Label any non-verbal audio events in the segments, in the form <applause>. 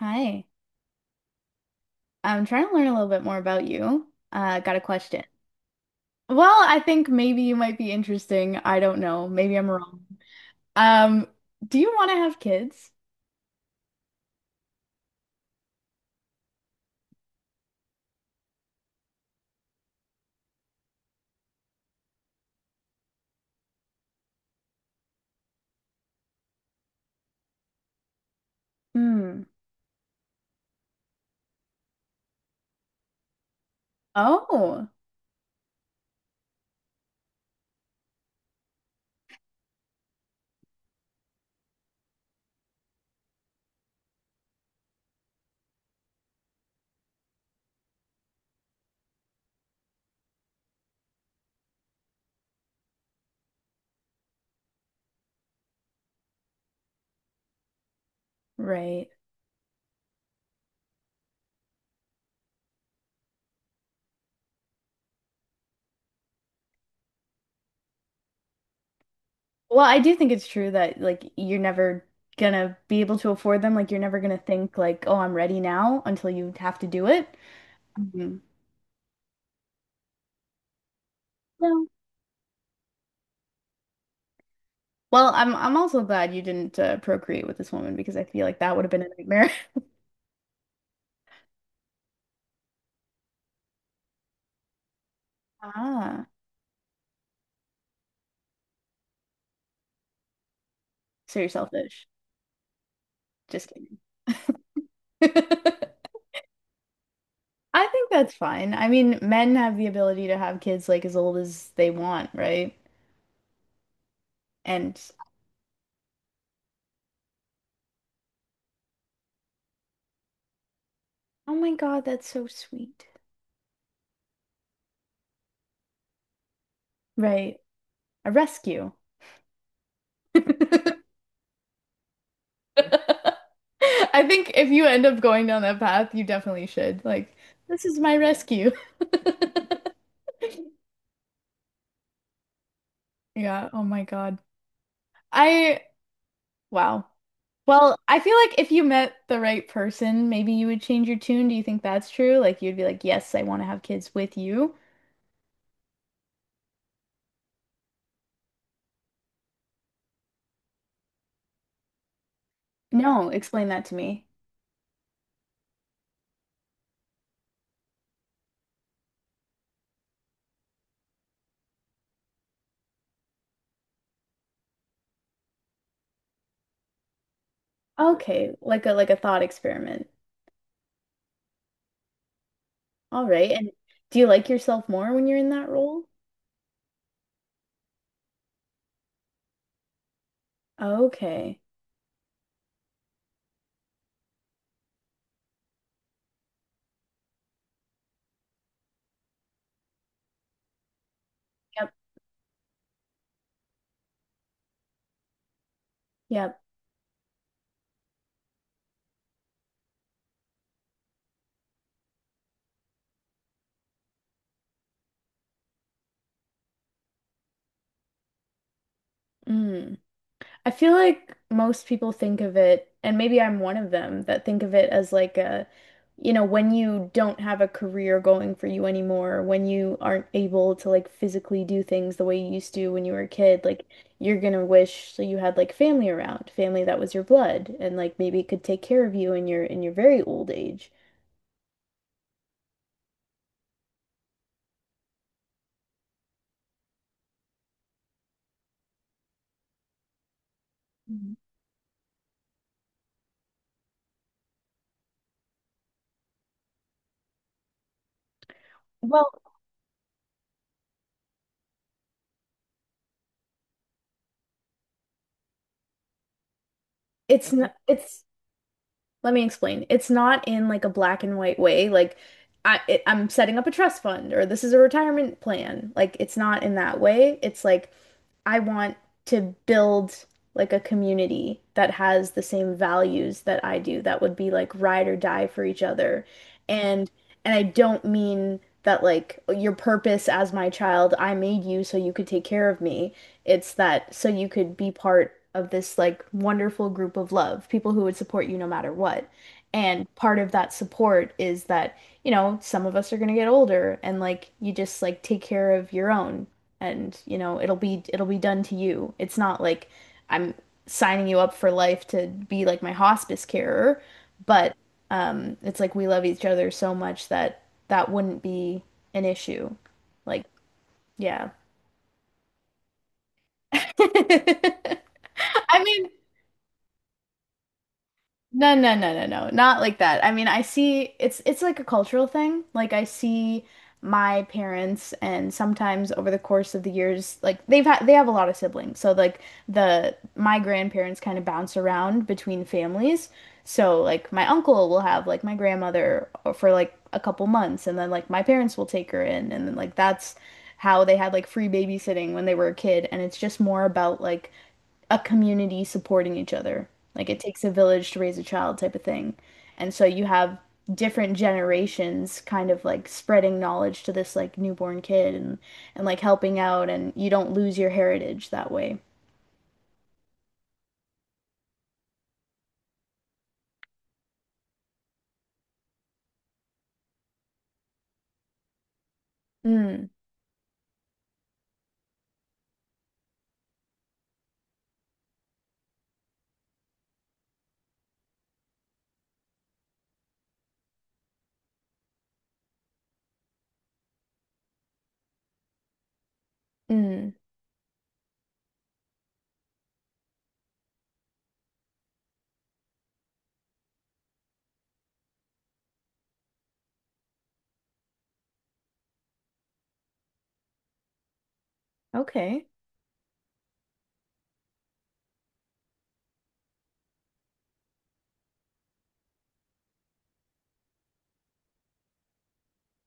Hi. I'm trying to learn a little bit more about you. Got a question. Well, I think maybe you might be interesting. I don't know. Maybe I'm wrong. Um, do you want to have kids? Hmm. Oh, right. Well, I do think it's true that like you're never gonna be able to afford them. Like you're never gonna think like, oh, I'm ready now until you have to do it. Mhm. No. Well, I'm also glad you didn't procreate with this woman because I feel like that would have been a nightmare. <laughs> Ah, so you're selfish. Just kidding. <laughs> I think that's fine. I mean, men have the ability to have kids like as old as they want, right? And oh my God, that's so sweet. Right. A rescue. <laughs> I think if you end up going down that path, you definitely should. Like, this is my rescue. <laughs> Yeah, oh my God. I. Wow. Well, I feel like if you met the right person, maybe you would change your tune. Do you think that's true? Like you'd be like, "Yes, I want to have kids with you." No, explain that to me. Okay, like a thought experiment. All right. And do you like yourself more when you're in that role? Okay. Yep. Yep. Mm. I feel like most people think of it, and maybe I'm one of them that think of it as like a, you know, when you don't have a career going for you anymore, when you aren't able to like physically do things the way you used to when you were a kid, like you're gonna wish so you had like family around, family that was your blood, and like maybe could take care of you in your very old age. Mhm. Well, it's not, it's let me explain. It's not in like a black and white way. Like, I'm setting up a trust fund or this is a retirement plan. Like it's not in that way. It's like I want to build like a community that has the same values that I do, that would be like ride or die for each other. And I don't mean that like your purpose as my child, I made you so you could take care of me. It's that so you could be part of this like wonderful group of love, people who would support you no matter what. And part of that support is that, you know, some of us are going to get older and like you just like take care of your own and you know it'll be done to you. It's not like I'm signing you up for life to be like my hospice carer. But it's like we love each other so much that that wouldn't be an issue. Like, yeah. <laughs> I mean, no, no, no, no, no. Not like that. I mean, I see it's like a cultural thing. Like I see my parents and sometimes over the course of the years, like they have a lot of siblings. So like the my grandparents kind of bounce around between families. So like my uncle will have like my grandmother for like a couple months and then like my parents will take her in and then like that's how they had like free babysitting when they were a kid and it's just more about like a community supporting each other. Like it takes a village to raise a child type of thing. And so you have different generations kind of like spreading knowledge to this like newborn kid and like helping out and you don't lose your heritage that way. Mm, mm. Okay.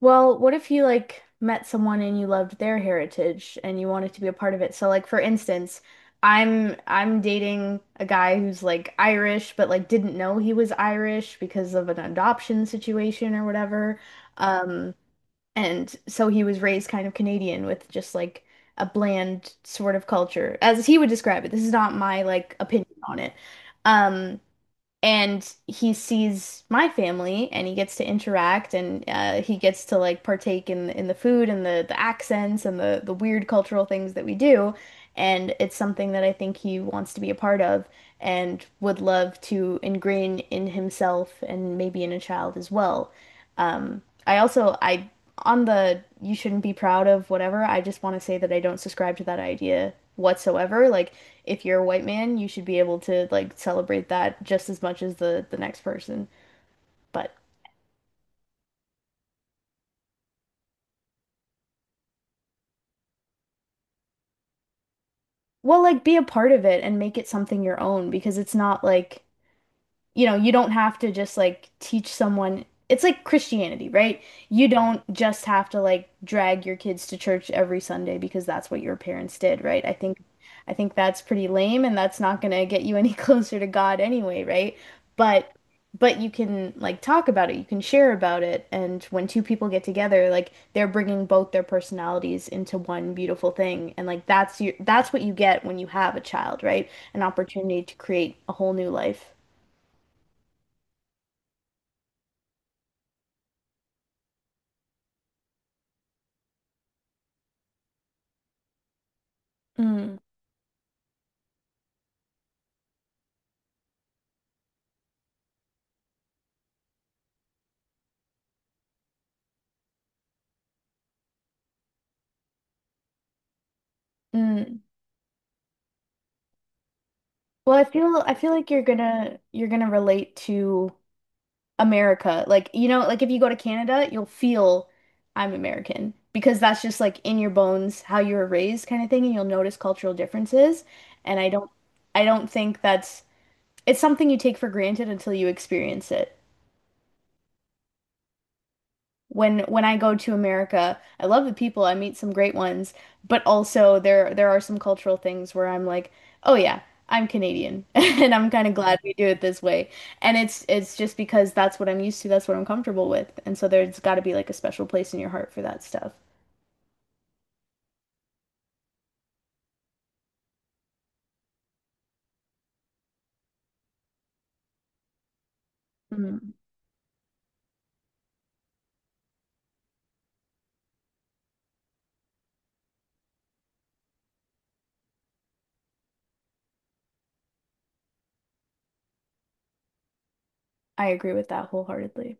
Well, what if you like met someone and you loved their heritage and you wanted to be a part of it? So like for instance, I'm dating a guy who's like Irish but like didn't know he was Irish because of an adoption situation or whatever. Um and so he was raised kind of Canadian with just like a bland sort of culture as he would describe it. This is not my like opinion on it. Um and he sees my family and he gets to interact and he gets to like partake in the food and the accents and the weird cultural things that we do and it's something that I think he wants to be a part of and would love to ingrain in himself and maybe in a child as well. I also I on the you shouldn't be proud of whatever, I just want to say that I don't subscribe to that idea whatsoever. Like if you're a white man, you should be able to like celebrate that just as much as the next person. But well, like be a part of it and make it something your own because it's not like you know, you don't have to just like teach someone. It's like Christianity, right? You don't just have to like drag your kids to church every Sunday because that's what your parents did, right? I think that's pretty lame and that's not going to get you any <laughs> closer to God anyway, right? But but you can like talk about it, you can share about it, and when two people get together, like they're bringing both their personalities into one beautiful thing, and like that's what you get when you have a child, right? An opportunity to create a whole new life. Mm. Mm. Well, I feel like you're gonna relate to America. Like, you know, like if you go to Canada, you'll feel I'm American because that's just like in your bones how you were raised kind of thing, and you'll notice cultural differences. And I don't think that's it's something you take for granted until you experience it. When I go to America. I love the people, I meet some great ones, but also there are some cultural things where I'm like, "Oh yeah, I'm Canadian." <laughs> And I'm kind of glad we do it this way. And it's just because that's what I'm used to, that's what I'm comfortable with. And so there's got to be like a special place in your heart for that stuff. Mm, I agree with that wholeheartedly.